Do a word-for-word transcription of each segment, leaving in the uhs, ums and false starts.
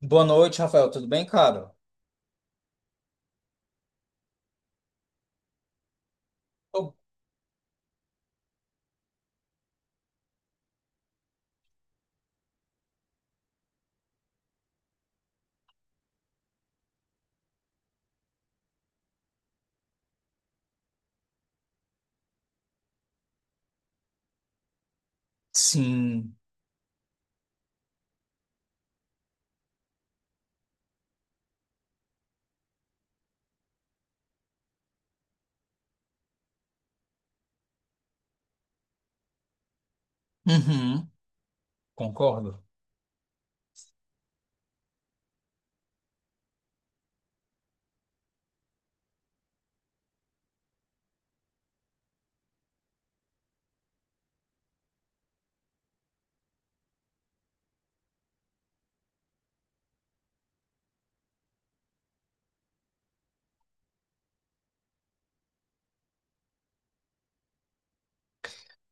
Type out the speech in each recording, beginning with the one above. Boa noite, Rafael. Tudo bem, cara? Oh. Sim. Uhum. Concordo.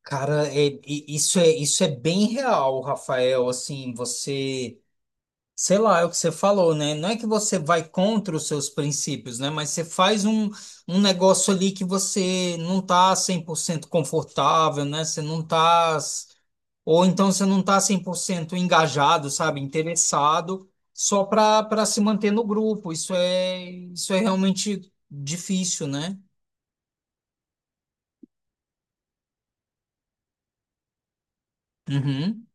Cara, é- e- isso é, isso é bem real, Rafael. Assim, você, sei lá, é o que você falou, né? Não é que você vai contra os seus princípios, né? Mas você faz um, um negócio ali que você não tá cem por cento confortável, né? Você não tá. Ou então você não está cem por cento engajado, sabe, interessado, só para para se manter no grupo. Isso é isso é realmente difícil, né? Uhum.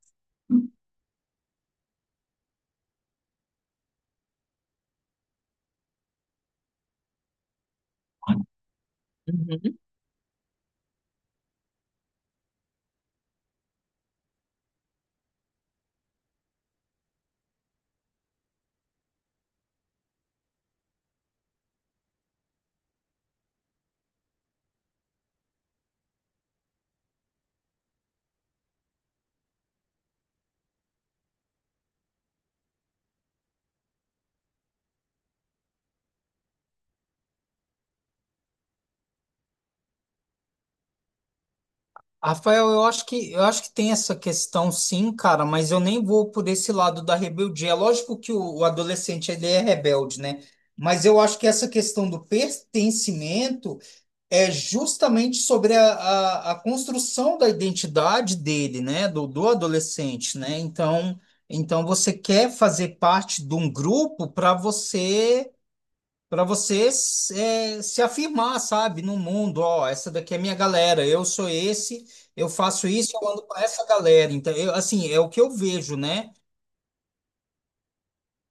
Rafael, eu acho que eu acho que tem essa questão sim, cara, mas eu nem vou por esse lado da rebeldia. É lógico que o, o adolescente ele é rebelde, né? Mas eu acho que essa questão do pertencimento é justamente sobre a, a, a construção da identidade dele, né, do, do adolescente, né? Então, então você quer fazer parte de um grupo para você para você se é, se afirmar, sabe, no mundo, ó, essa daqui é minha galera, eu sou esse, eu faço isso, eu ando com essa galera. Então, eu, assim, é o que eu vejo, né?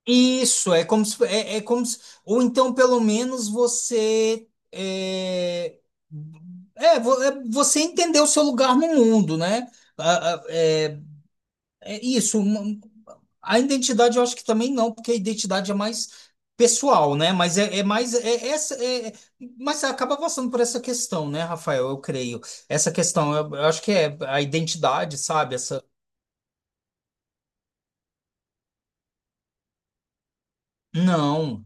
Isso, é como se, é, é como se, ou então pelo menos você é, é, vo- é, você entendeu o seu lugar no mundo, né? A- a- É, é isso, uma- a identidade eu acho que também não, porque a identidade é mais pessoal, né? Mas é, é mais é, essa, é, é- Mas acaba passando por essa questão, né, Rafael? Eu creio. Essa questão, eu, eu acho que é a identidade, sabe? Essa, não.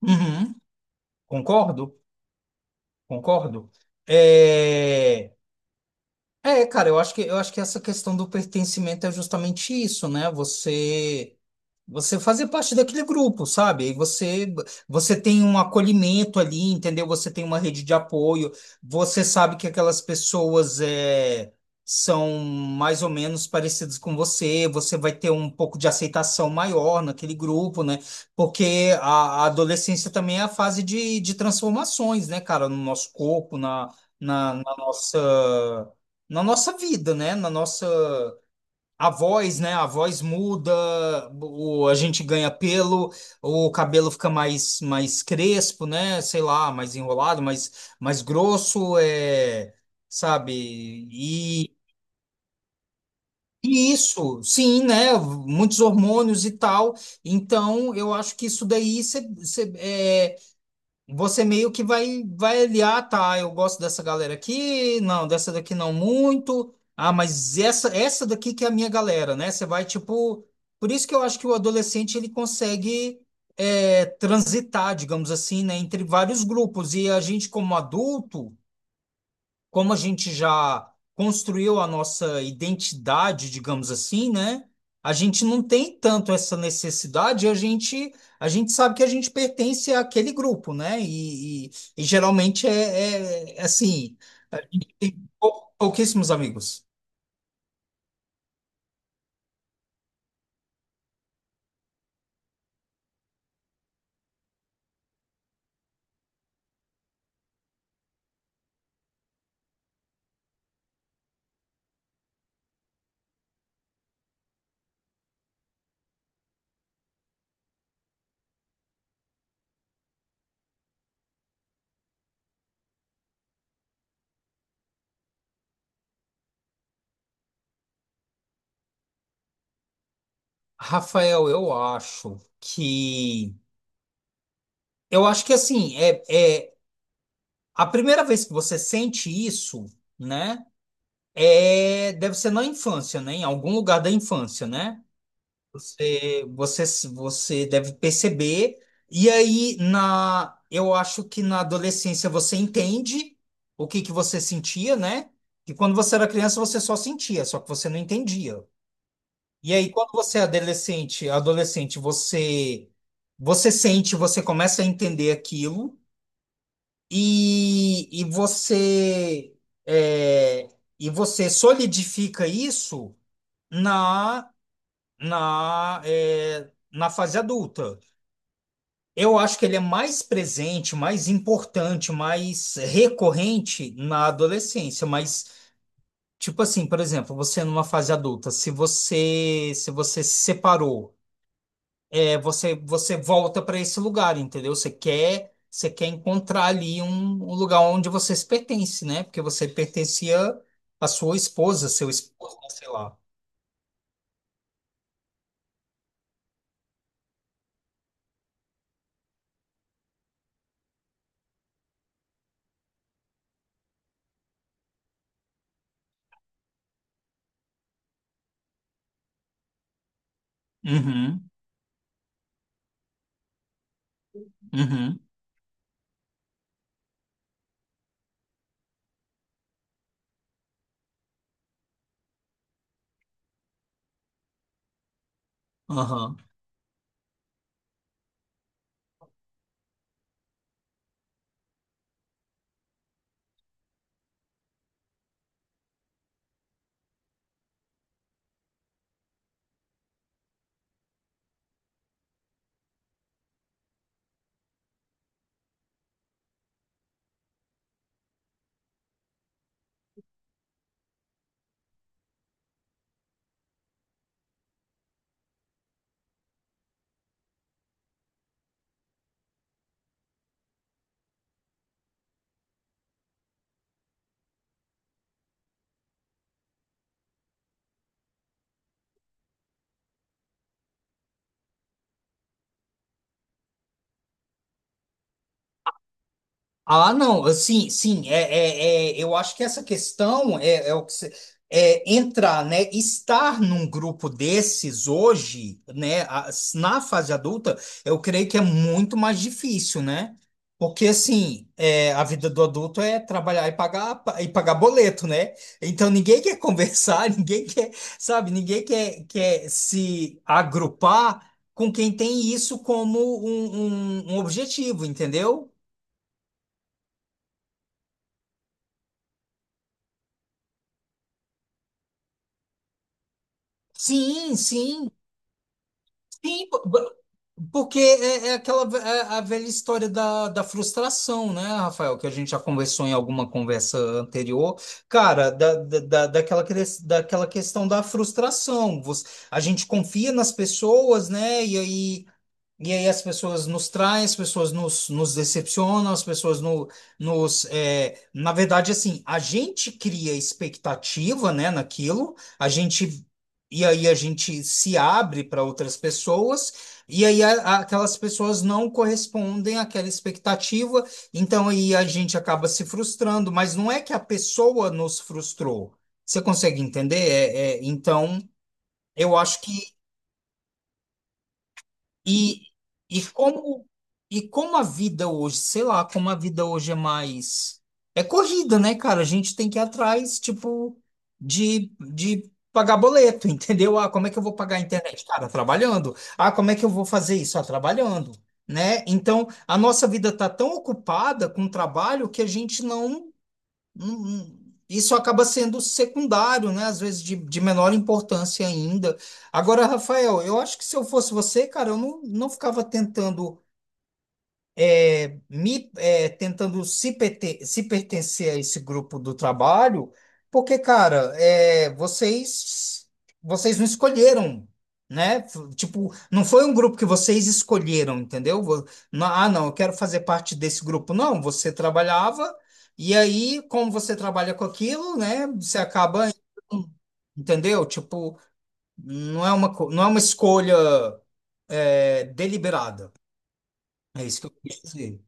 Uhum. Concordo, concordo. É... É, cara, eu acho que eu acho que essa questão do pertencimento é justamente isso, né? Você você fazer parte daquele grupo, sabe? Aí você você tem um acolhimento ali, entendeu? Você tem uma rede de apoio. Você sabe que aquelas pessoas é, são mais ou menos parecidas com você. Você vai ter um pouco de aceitação maior naquele grupo, né? Porque a, a adolescência também é a fase de, de transformações, né, cara? No nosso corpo, na, na, na nossa na nossa vida, né? Na nossa a voz, né? A voz muda, o, a gente ganha pelo, o cabelo fica mais, mais crespo, né? Sei lá, mais enrolado, mais, mais grosso, é, sabe? E, e isso, sim, né? Muitos hormônios e tal. Então, eu acho que isso daí você você meio que vai, vai aliar, tá? Eu gosto dessa galera aqui, não, dessa daqui não muito. Ah, mas essa, essa daqui que é a minha galera, né? Você vai tipo. Por isso que eu acho que o adolescente ele consegue é, transitar, digamos assim, né, entre vários grupos. E a gente, como adulto, como a gente já construiu a nossa identidade, digamos assim, né? A gente não tem tanto essa necessidade, a gente, a gente sabe que a gente pertence àquele grupo, né? E, e- e geralmente é, é é assim, a gente tem pou- pouquíssimos amigos. Rafael, eu acho que. Eu acho que assim, é, é a primeira vez que você sente isso, né? É, deve ser na infância, né? Em algum lugar da infância, né? Você, você, você deve perceber. E aí, na, eu acho que na adolescência você entende o que que você sentia, né? E quando você era criança, você só sentia, só que você não entendia. E aí, quando você é adolescente, adolescente, você, você sente, você começa a entender aquilo e, e você, é, e você solidifica isso na, na, é, na fase adulta. Eu acho que ele é mais presente, mais importante, mais recorrente na adolescência, mas tipo assim, por exemplo, você numa fase adulta, se você se você se separou, é, você você volta para esse lugar, entendeu? Você quer você quer encontrar ali um, um lugar onde você se pertence, né? Porque você pertencia à sua esposa, seu esposo, sei lá. Uhum, uhum, aham. Ah, não, assim, sim, é, é, é, eu acho que essa questão é, é o que você, é entrar, né, estar num grupo desses hoje, né, a- na fase adulta, eu creio que é muito mais difícil, né? Porque assim, é, a vida do adulto é trabalhar e pagar e pagar boleto, né? Então ninguém quer conversar, ninguém quer, sabe, ninguém quer, quer se agrupar com quem tem isso como um um- um objetivo, entendeu? Sim, sim, sim, po- bo- porque é, é aquela ve- é a velha história da, da frustração, né, Rafael, que a gente já conversou em alguma conversa anterior, cara, da, da, da- daquela, cres- daquela questão da frustração. Você- a gente confia nas pessoas, né, e aí e aí as pessoas nos traem, as pessoas nos, nos decepcionam, as pessoas no, nos... é, na verdade, assim, a gente cria expectativa, né, naquilo, a gente... E aí a gente se abre para outras pessoas, e aí a- a- aquelas pessoas não correspondem àquela expectativa, então aí a gente acaba se frustrando, mas não é que a pessoa nos frustrou. Você consegue entender? É, é, então, eu acho que e, e como e como a vida hoje, sei lá, como a vida hoje é mais é corrida, né, cara? A gente tem que ir atrás, tipo, de, de pagar boleto, entendeu? Ah, como é que eu vou pagar a internet? Cara, trabalhando. Ah, como é que eu vou fazer isso? Ah, trabalhando, né? Então, a nossa vida tá tão ocupada com trabalho que a gente não Hum, isso acaba sendo secundário, né? Às vezes de, de menor importância ainda. Agora, Rafael, eu acho que se eu fosse você, cara, eu não, não ficava tentando me é, tentando se, perte- se pertencer a esse grupo do trabalho, porque, cara, é, vocês vocês não escolheram, né? F- Tipo, não foi um grupo que vocês escolheram, entendeu? Vo- não- Ah, não, eu quero fazer parte desse grupo. Não, você trabalhava, e aí, como você trabalha com aquilo, né? Você acaba, entendeu? Tipo, não é uma, co- não é uma escolha é, deliberada. É isso que eu quis dizer.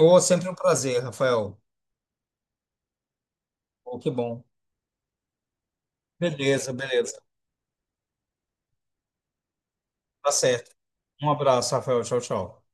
Oh, sempre um prazer, Rafael. Oh, que bom. Beleza, beleza. Tá certo. Um abraço, Rafael. Tchau, tchau.